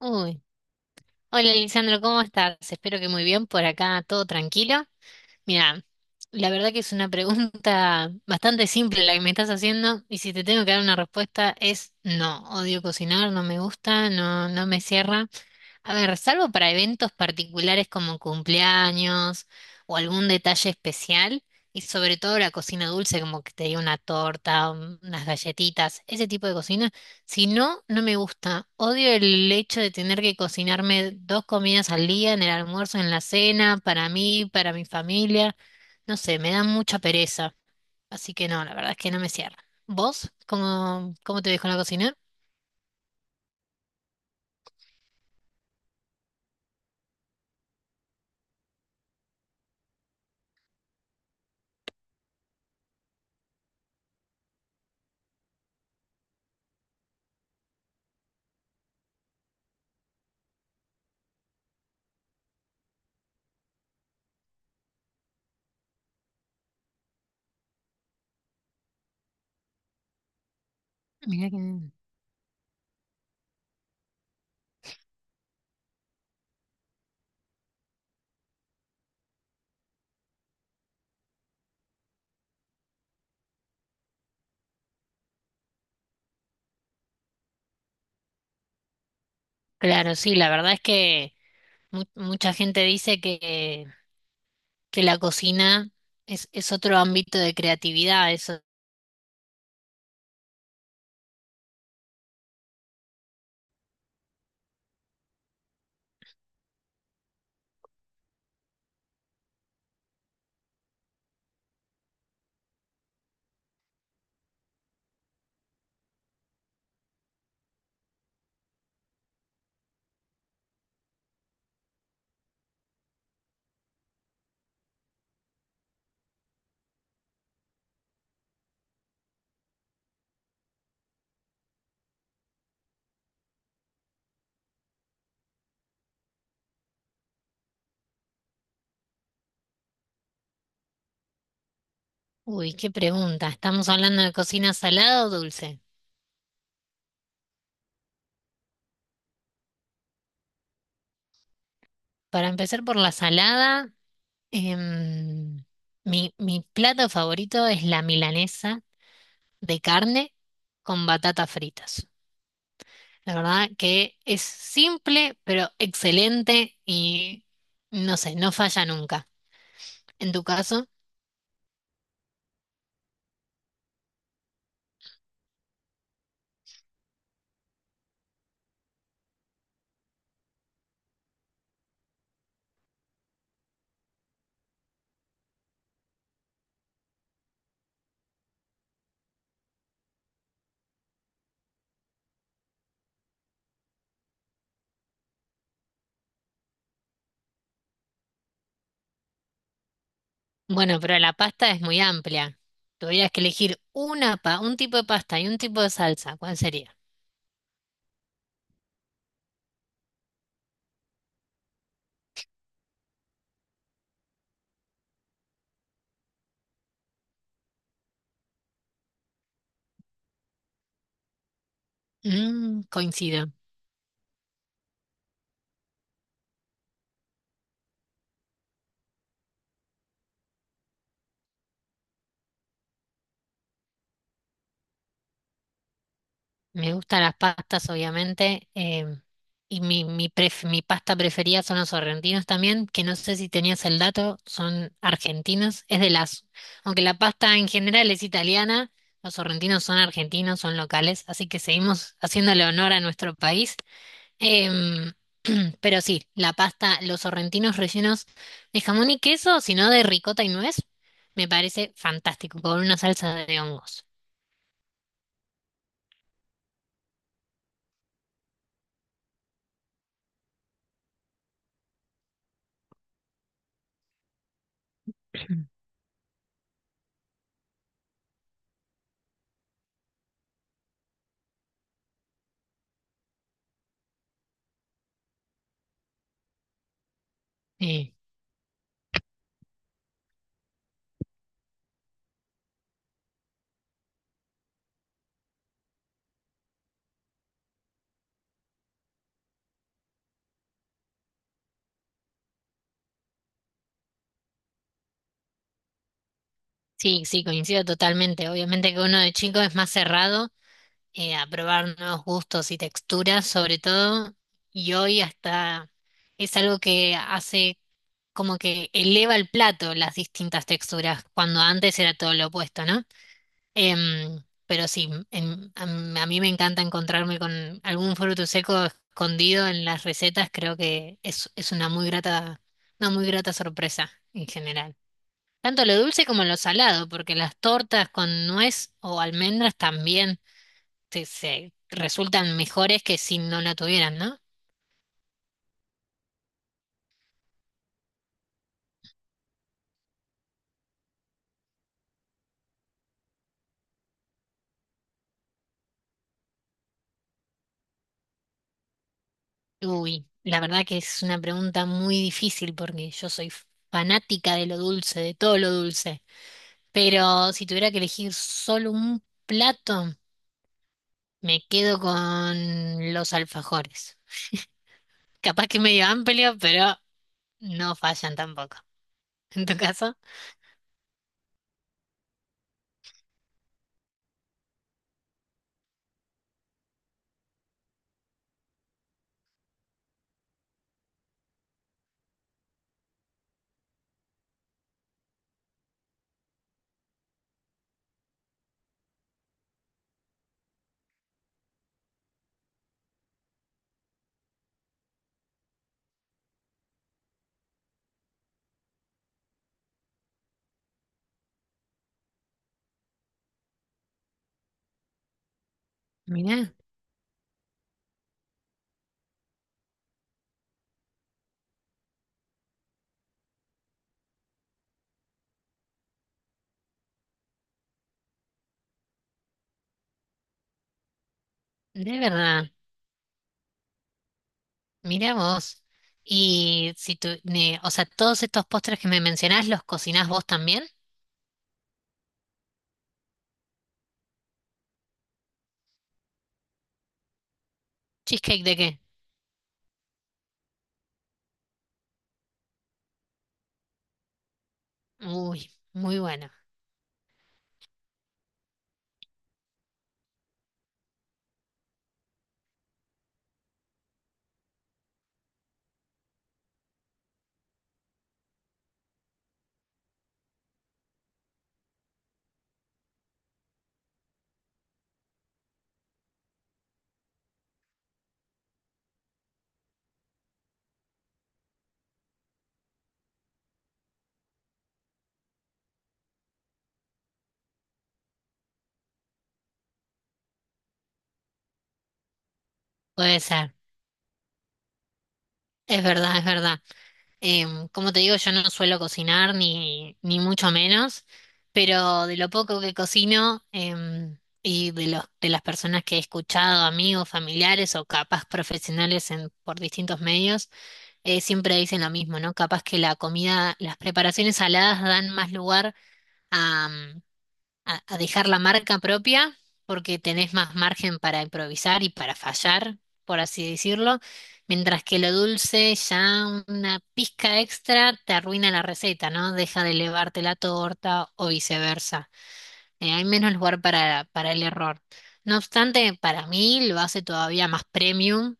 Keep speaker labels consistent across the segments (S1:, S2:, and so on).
S1: Uy, hola Lisandro, ¿cómo estás? Espero que muy bien. Por acá, todo tranquilo. Mira, la verdad que es una pregunta bastante simple la que me estás haciendo, y si te tengo que dar una respuesta es no, odio cocinar, no me gusta, no, no me cierra. A ver, salvo para eventos particulares como cumpleaños o algún detalle especial, y sobre todo la cocina dulce, como que te diga una torta, unas galletitas, ese tipo de cocina, si no, no me gusta. Odio el hecho de tener que cocinarme dos comidas al día, en el almuerzo, en la cena, para mí, para mi familia. No sé, me da mucha pereza. Así que no, la verdad es que no me cierra. ¿Vos? ¿Cómo te ves con la cocina? Mira que... Claro, sí, la verdad es que... Mucha gente dice que la cocina es otro ámbito de creatividad. Eso. Uy, qué pregunta. ¿Estamos hablando de cocina salada o dulce? Para empezar por la salada, em, mi plato favorito es la milanesa de carne con batatas fritas. La verdad que es simple, pero excelente y no sé, no falla nunca. ¿En tu caso? Bueno, pero la pasta es muy amplia. Tuvieras que elegir una un tipo de pasta y un tipo de salsa. ¿Cuál sería? Mm, coincido. Me gustan las pastas, obviamente. Y mi pasta preferida son los sorrentinos también, que no sé si tenías el dato, son argentinos. Es de las... Aunque la pasta en general es italiana, los sorrentinos son argentinos, son locales. Así que seguimos haciéndole honor a nuestro país. Em, pero sí, la pasta, los sorrentinos rellenos de jamón y queso, sino de ricota y nuez, me parece fantástico, con una salsa de hongos. Eh, sí, sí, coincido totalmente. Obviamente que uno de chico es más cerrado a probar nuevos gustos y texturas, sobre todo, y hoy hasta es algo que hace como que eleva el plato las distintas texturas, cuando antes era todo lo opuesto, ¿no? Pero sí, a mí me encanta encontrarme con algún fruto seco escondido en las recetas, creo que es una muy grata sorpresa en general. Tanto lo dulce como lo salado, porque las tortas con nuez o almendras también se resultan mejores que si no la tuvieran, ¿no? Uy, la verdad que es una pregunta muy difícil porque yo soy fanática de lo dulce, de todo lo dulce. Pero si tuviera que elegir solo un plato, me quedo con los alfajores. Capaz que medio amplio, pero no fallan tampoco. En tu caso, mirá, de verdad, mirá vos. Y si tú, o sea, todos estos postres que me mencionás, ¿los cocinás vos también? ¿Cheesecake de qué? Uy, muy bueno. Puede ser. Es verdad, es verdad. Como te digo, yo no suelo cocinar ni mucho menos, pero de lo poco que cocino, y de de las personas que he escuchado, amigos, familiares o capaz profesionales en, por distintos medios, siempre dicen lo mismo, ¿no? Capaz que la comida, las preparaciones saladas dan más lugar a dejar la marca propia porque tenés más margen para improvisar y para fallar, por así decirlo, mientras que lo dulce ya una pizca extra te arruina la receta, ¿no? Deja de elevarte la torta o viceversa. Hay menos lugar para el error. No obstante, para mí lo hace todavía más premium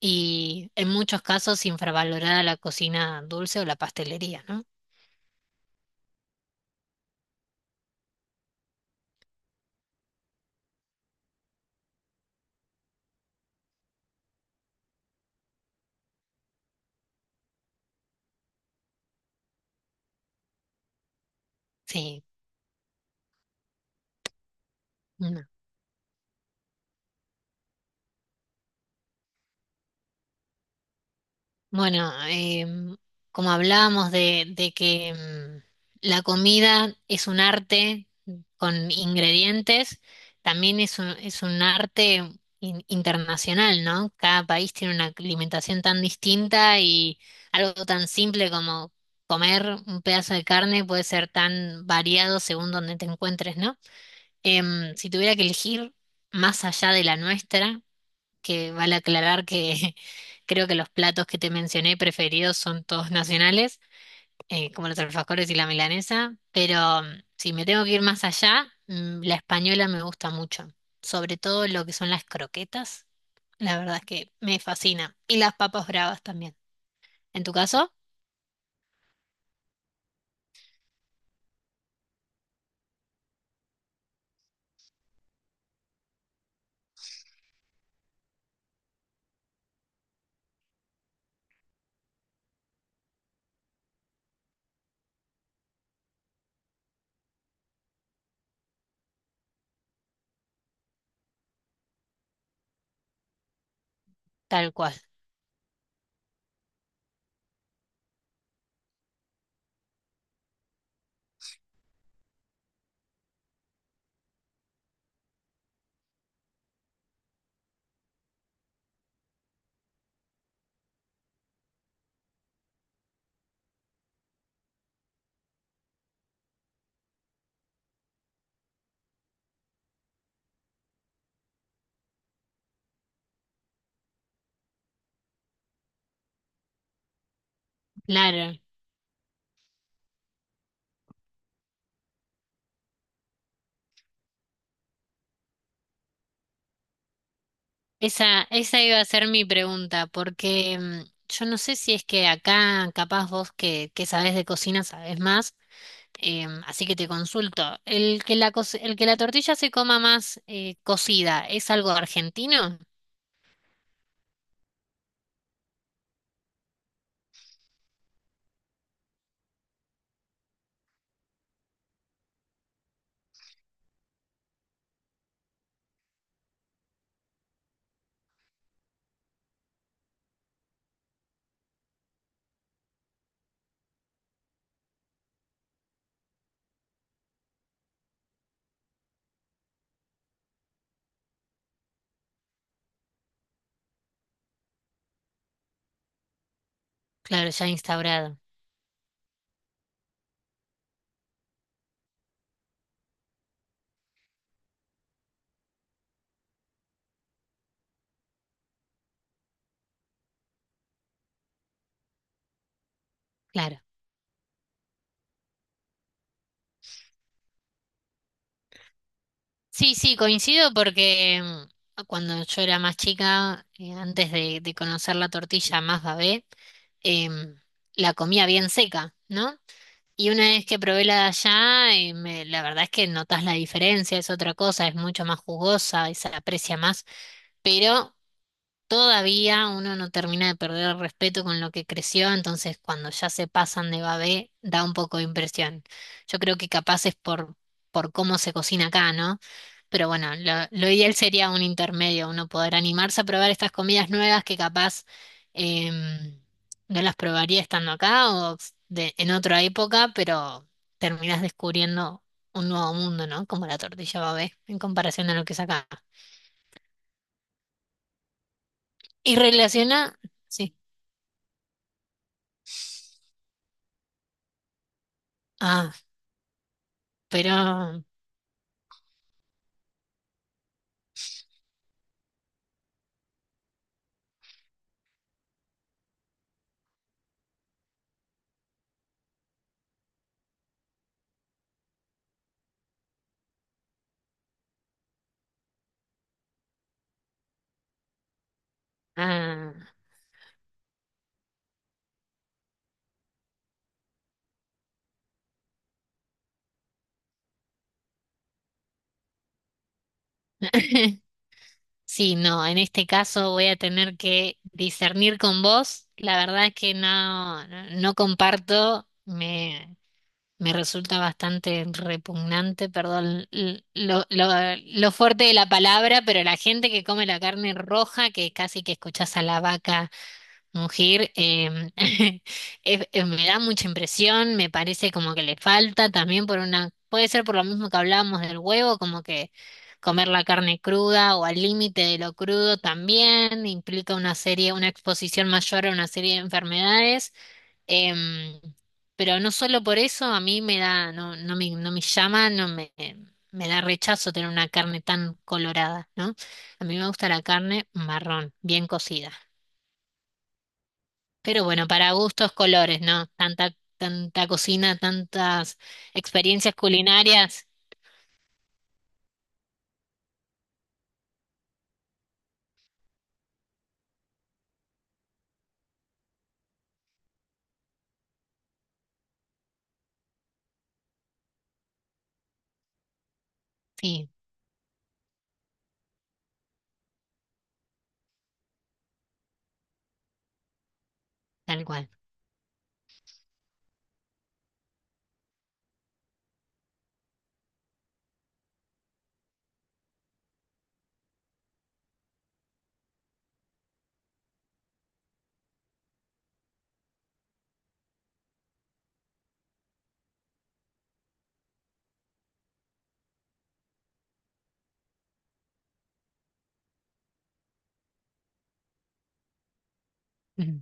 S1: y en muchos casos infravalorada la cocina dulce o la pastelería, ¿no? Sí. Bueno, em, como hablábamos de que la comida es un arte con ingredientes, también es un arte internacional, ¿no? Cada país tiene una alimentación tan distinta, y algo tan simple como comer un pedazo de carne puede ser tan variado según donde te encuentres, ¿no? Si tuviera que elegir más allá de la nuestra, que vale aclarar que creo que los platos que te mencioné preferidos son todos nacionales, como los alfajores y la milanesa, pero si me tengo que ir más allá, la española me gusta mucho, sobre todo lo que son las croquetas, la verdad es que me fascina, y las papas bravas también. En tu caso, tal cual. Claro, esa iba a ser mi pregunta, porque yo no sé si es que acá, capaz vos que sabés de cocina, sabés más. Así que te consulto, ¿el que la, el que la tortilla se coma más cocida es algo argentino? Claro, ya instaurado, claro. Sí, sí, coincido porque cuando yo era más chica, antes de conocer la tortilla más babé, em, la comía bien seca, ¿no? Y una vez que probé la de allá, la verdad es que notas la diferencia, es otra cosa, es mucho más jugosa y se aprecia más, pero todavía uno no termina de perder el respeto con lo que creció, entonces cuando ya se pasan de babé da un poco de impresión. Yo creo que capaz es por cómo se cocina acá, ¿no? Pero bueno, lo ideal sería un intermedio, uno poder animarse a probar estas comidas nuevas que capaz em, no las probaría estando acá o en otra época, pero terminás descubriendo un nuevo mundo, ¿no? Como la tortilla babé en comparación a lo que es acá. Y relaciona... sí. Ah. Pero, ah, sí, no, en este caso voy a tener que discernir con vos. La verdad es que no, no, no comparto, me resulta bastante repugnante, perdón, lo fuerte de la palabra, pero la gente que come la carne roja, que casi que escuchás a la vaca. Mugir me da mucha impresión, me parece como que le falta también por una, puede ser por lo mismo que hablábamos del huevo, como que comer la carne cruda o al límite de lo crudo también implica una serie, una exposición mayor a una serie de enfermedades. em, pero no solo por eso, a mí me da, no, no me llama, no me, me da rechazo tener una carne tan colorada, ¿no? A mí me gusta la carne marrón, bien cocida. Pero bueno, para gustos, colores, ¿no? Tanta cocina, tantas experiencias culinarias. Sí, tal cual. Ujú.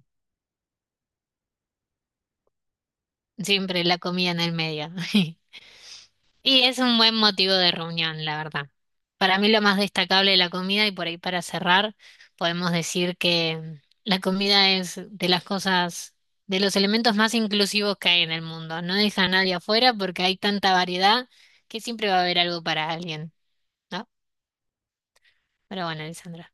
S1: Siempre la comida en el medio. Y es un buen motivo de reunión, la verdad. Para mí lo más destacable de la comida, y por ahí para cerrar, podemos decir que la comida es de las cosas, de los elementos más inclusivos que hay en el mundo. No deja a nadie afuera porque hay tanta variedad que siempre va a haber algo para alguien, ¿no? Pero bueno, Alessandra.